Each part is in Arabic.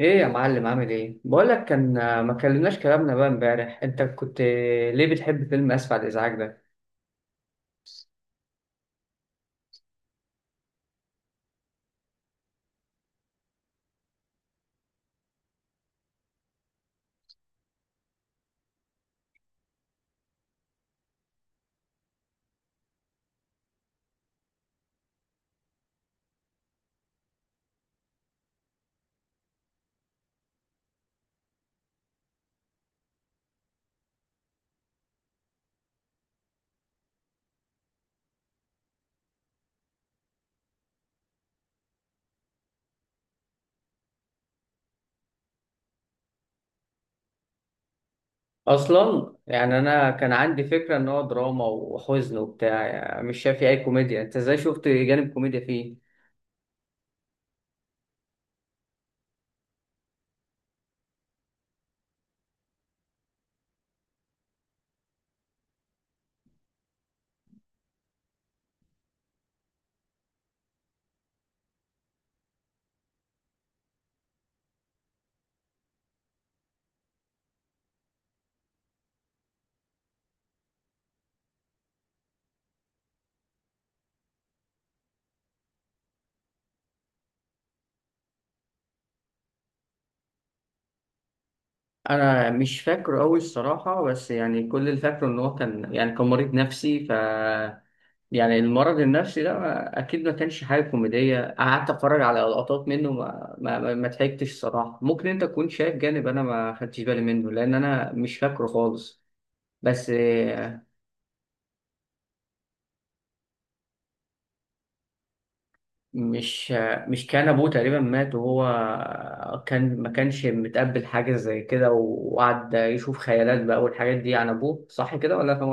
ايه يا معلم، عامل ايه؟ بقول لك كان ما كلمناش كلامنا بقى امبارح. انت كنت ليه بتحب فيلم اسف على الازعاج ده؟ اصلا يعني انا كان عندي فكره ان هو دراما وحزن وبتاع، يعني مش شايف فيه اي كوميديا. انت ازاي شفت جانب كوميديا فيه؟ انا مش فاكره قوي الصراحه، بس كل اللي فاكره ان هو كان كان مريض نفسي. ف المرض النفسي ده اكيد ما كانش حاجه كوميديه. قعدت اتفرج على لقطات منه ما ضحكتش الصراحه. ممكن انت تكون شايف جانب انا ما خدتش بالي منه لان انا مش فاكره خالص. بس مش مش كان ابوه تقريبا مات وهو كان ما كانش متقبل حاجه زي كده، وقعد يشوف خيالات بقى والحاجات دي عن ابوه، صح كده ولا كان؟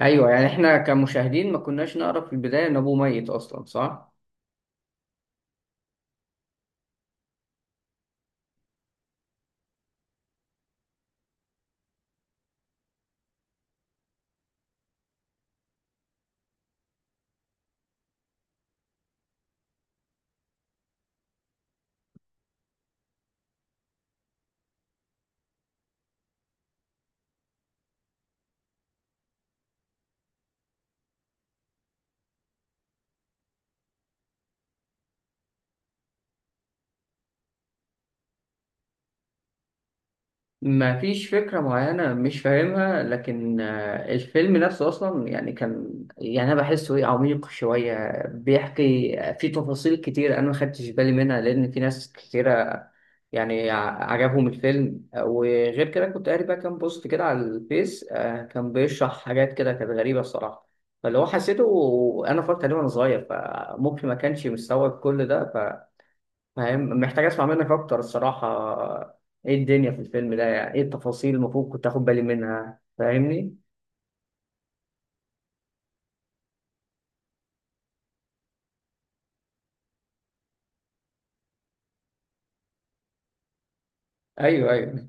ايوه، يعني احنا كمشاهدين ما كناش نعرف في البدايه ان ابوه ميت اصلا، صح؟ ما فيش فكره معينه مش فاهمها، لكن الفيلم نفسه اصلا كان، يعني انا بحسه ايه، عميق شويه، بيحكي في تفاصيل كتير انا ما خدتش بالي منها. لان في ناس كتيره يعني عجبهم الفيلم، وغير كده كنت قاري بقى كام بوست كده على الفيس كان بيشرح حاجات كده كانت غريبه الصراحه. فاللي هو حسيته، انا اتفرجت عليه وانا صغير، فممكن ما كانش مستوعب كل ده. فاهم؟ محتاج اسمع منك اكتر الصراحه. ايه الدنيا في الفيلم ده؟ يعني ايه التفاصيل المفروض كنت اخد بالي منها؟ فاهمني. ايوه، ايوه.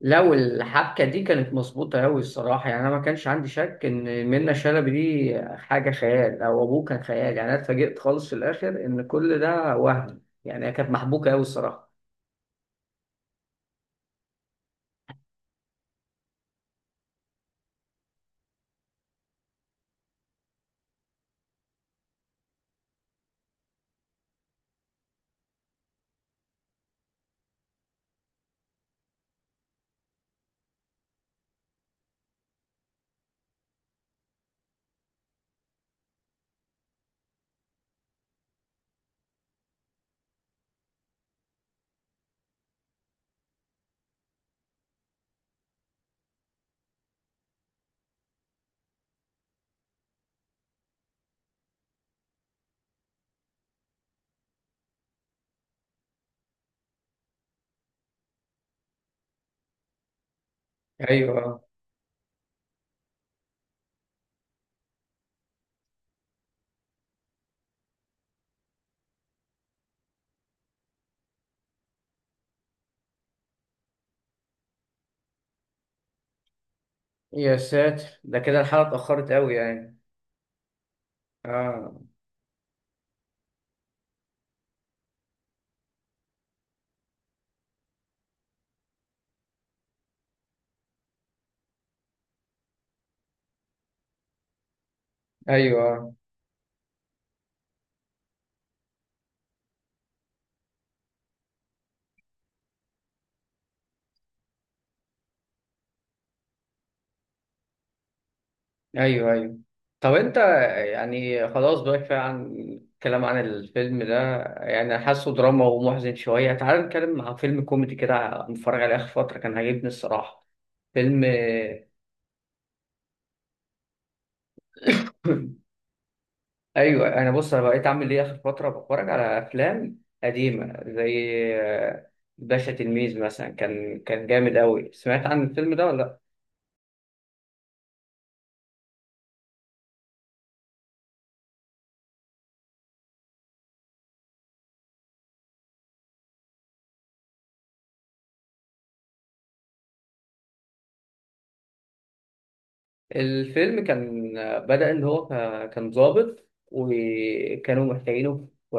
لو الحبكه دي كانت مظبوطه قوي الصراحه، يعني انا ما كانش عندي شك ان منة شلبي دي حاجه خيال او ابوه كان خيال. يعني انا اتفاجئت خالص في الاخر ان كل ده وهم. يعني هي كانت محبوكه قوي الصراحه. ايوه. يا ساتر، ده كده الحلقه اتاخرت قوي يعني. اه. ايوه، ايوه، ايوه. طب انت، يعني خلاص بقى كفايه عن الكلام عن الفيلم ده، يعني حاسه دراما ومحزن شويه. تعال نتكلم عن فيلم كوميدي كده متفرج عليه اخر فتره كان عاجبني الصراحه. فيلم ايوه، انا بص انا بقيت اعمل ايه، اخر فتره بتفرج على افلام قديمه زي آه، باشا تلميذ مثلا. كان جامد قوي. سمعت عن الفيلم ده ولا؟ الفيلم كان بدأ إن هو كان ضابط وكانوا محتاجينه في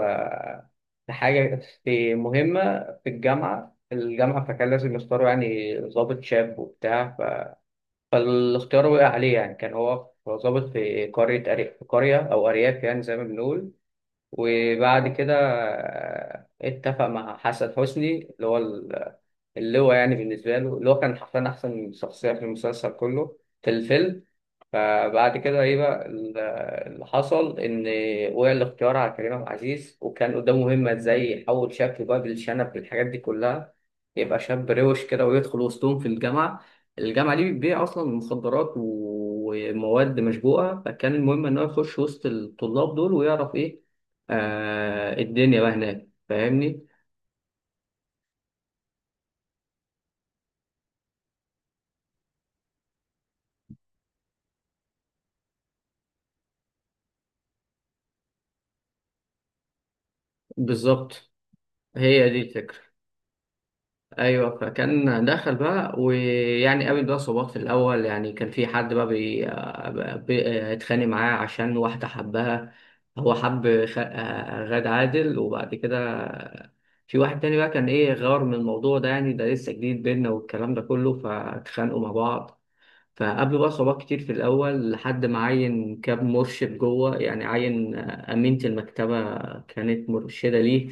في حاجة، في مهمة في الجامعة. فكان لازم يختاروا يعني ضابط شاب وبتاع. فالاختيار وقع عليه. يعني كان هو ضابط في قرية في قرية أو أرياف يعني، زي ما بنقول. وبعد كده اتفق مع حسن حسني اللي هو اللي هو يعني بالنسبة له اللي هو كان حرفيا أحسن شخصية في المسلسل كله، في الفيلم. فبعد كده ايه بقى اللي حصل، ان وقع الاختيار على كريم عبد العزيز، وكان قدامه مهمه ازاي يحول شكله بقى بالشنب بالحاجات دي كلها، يبقى شاب روش كده ويدخل وسطهم في الجامعه. الجامعه دي بتبيع اصلا مخدرات ومواد مشبوهه، فكان المهم ان هو يخش وسط الطلاب دول ويعرف ايه الدنيا بقى هناك. فاهمني؟ بالظبط، هي دي الفكره. ايوه، فكان دخل بقى ويعني قابل بقى صعوبات في الاول. يعني كان في حد بقى اتخانق معاه عشان واحده حبها. هو حب غاد عادل. وبعد كده في واحد تاني بقى كان ايه، غار من الموضوع ده، يعني ده لسه جديد بينا والكلام ده كله، فاتخانقوا مع بعض. فقابلوا بقى صعوبات كتير في الاول لحد ما عين كاب مرشد جوه، يعني عين امينه المكتبه كانت مرشده ليه.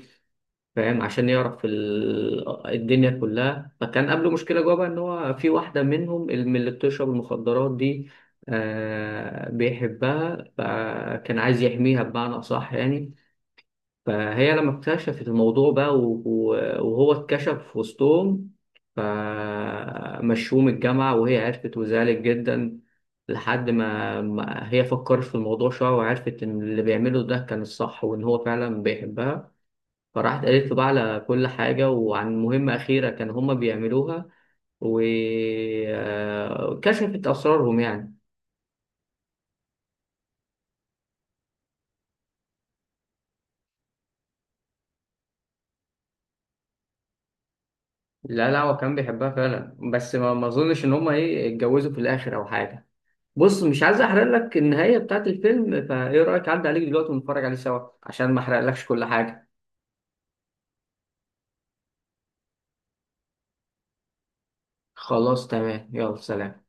فاهم؟ عشان يعرف الدنيا كلها. فكان قبله مشكلة جوه بقى ان هو في واحدة منهم من اللي بتشرب المخدرات دي بيحبها، فكان عايز يحميها بمعنى أصح يعني. فهي لما اكتشفت الموضوع بقى وهو اتكشف في وسطهم، فمشوه من الجامعة. وهي عرفت وزعلت جدا، لحد ما هي فكرت في الموضوع شوية، وعرفت إن اللي بيعمله ده كان الصح وإن هو فعلا بيحبها. فراحت قالت له بقى على كل حاجة وعن مهمة أخيرة كان هما بيعملوها، وكشفت أسرارهم يعني. لا لا، هو كان بيحبها فعلا، بس ما أظنش إن هما إيه اتجوزوا في الآخر أو حاجة. بص، مش عايز أحرق لك النهاية بتاعت الفيلم، فإيه رأيك أعدي عليك دلوقتي ونتفرج عليه سوا عشان ما أحرقلكش كل حاجة. خلاص، تمام، يلا سلام.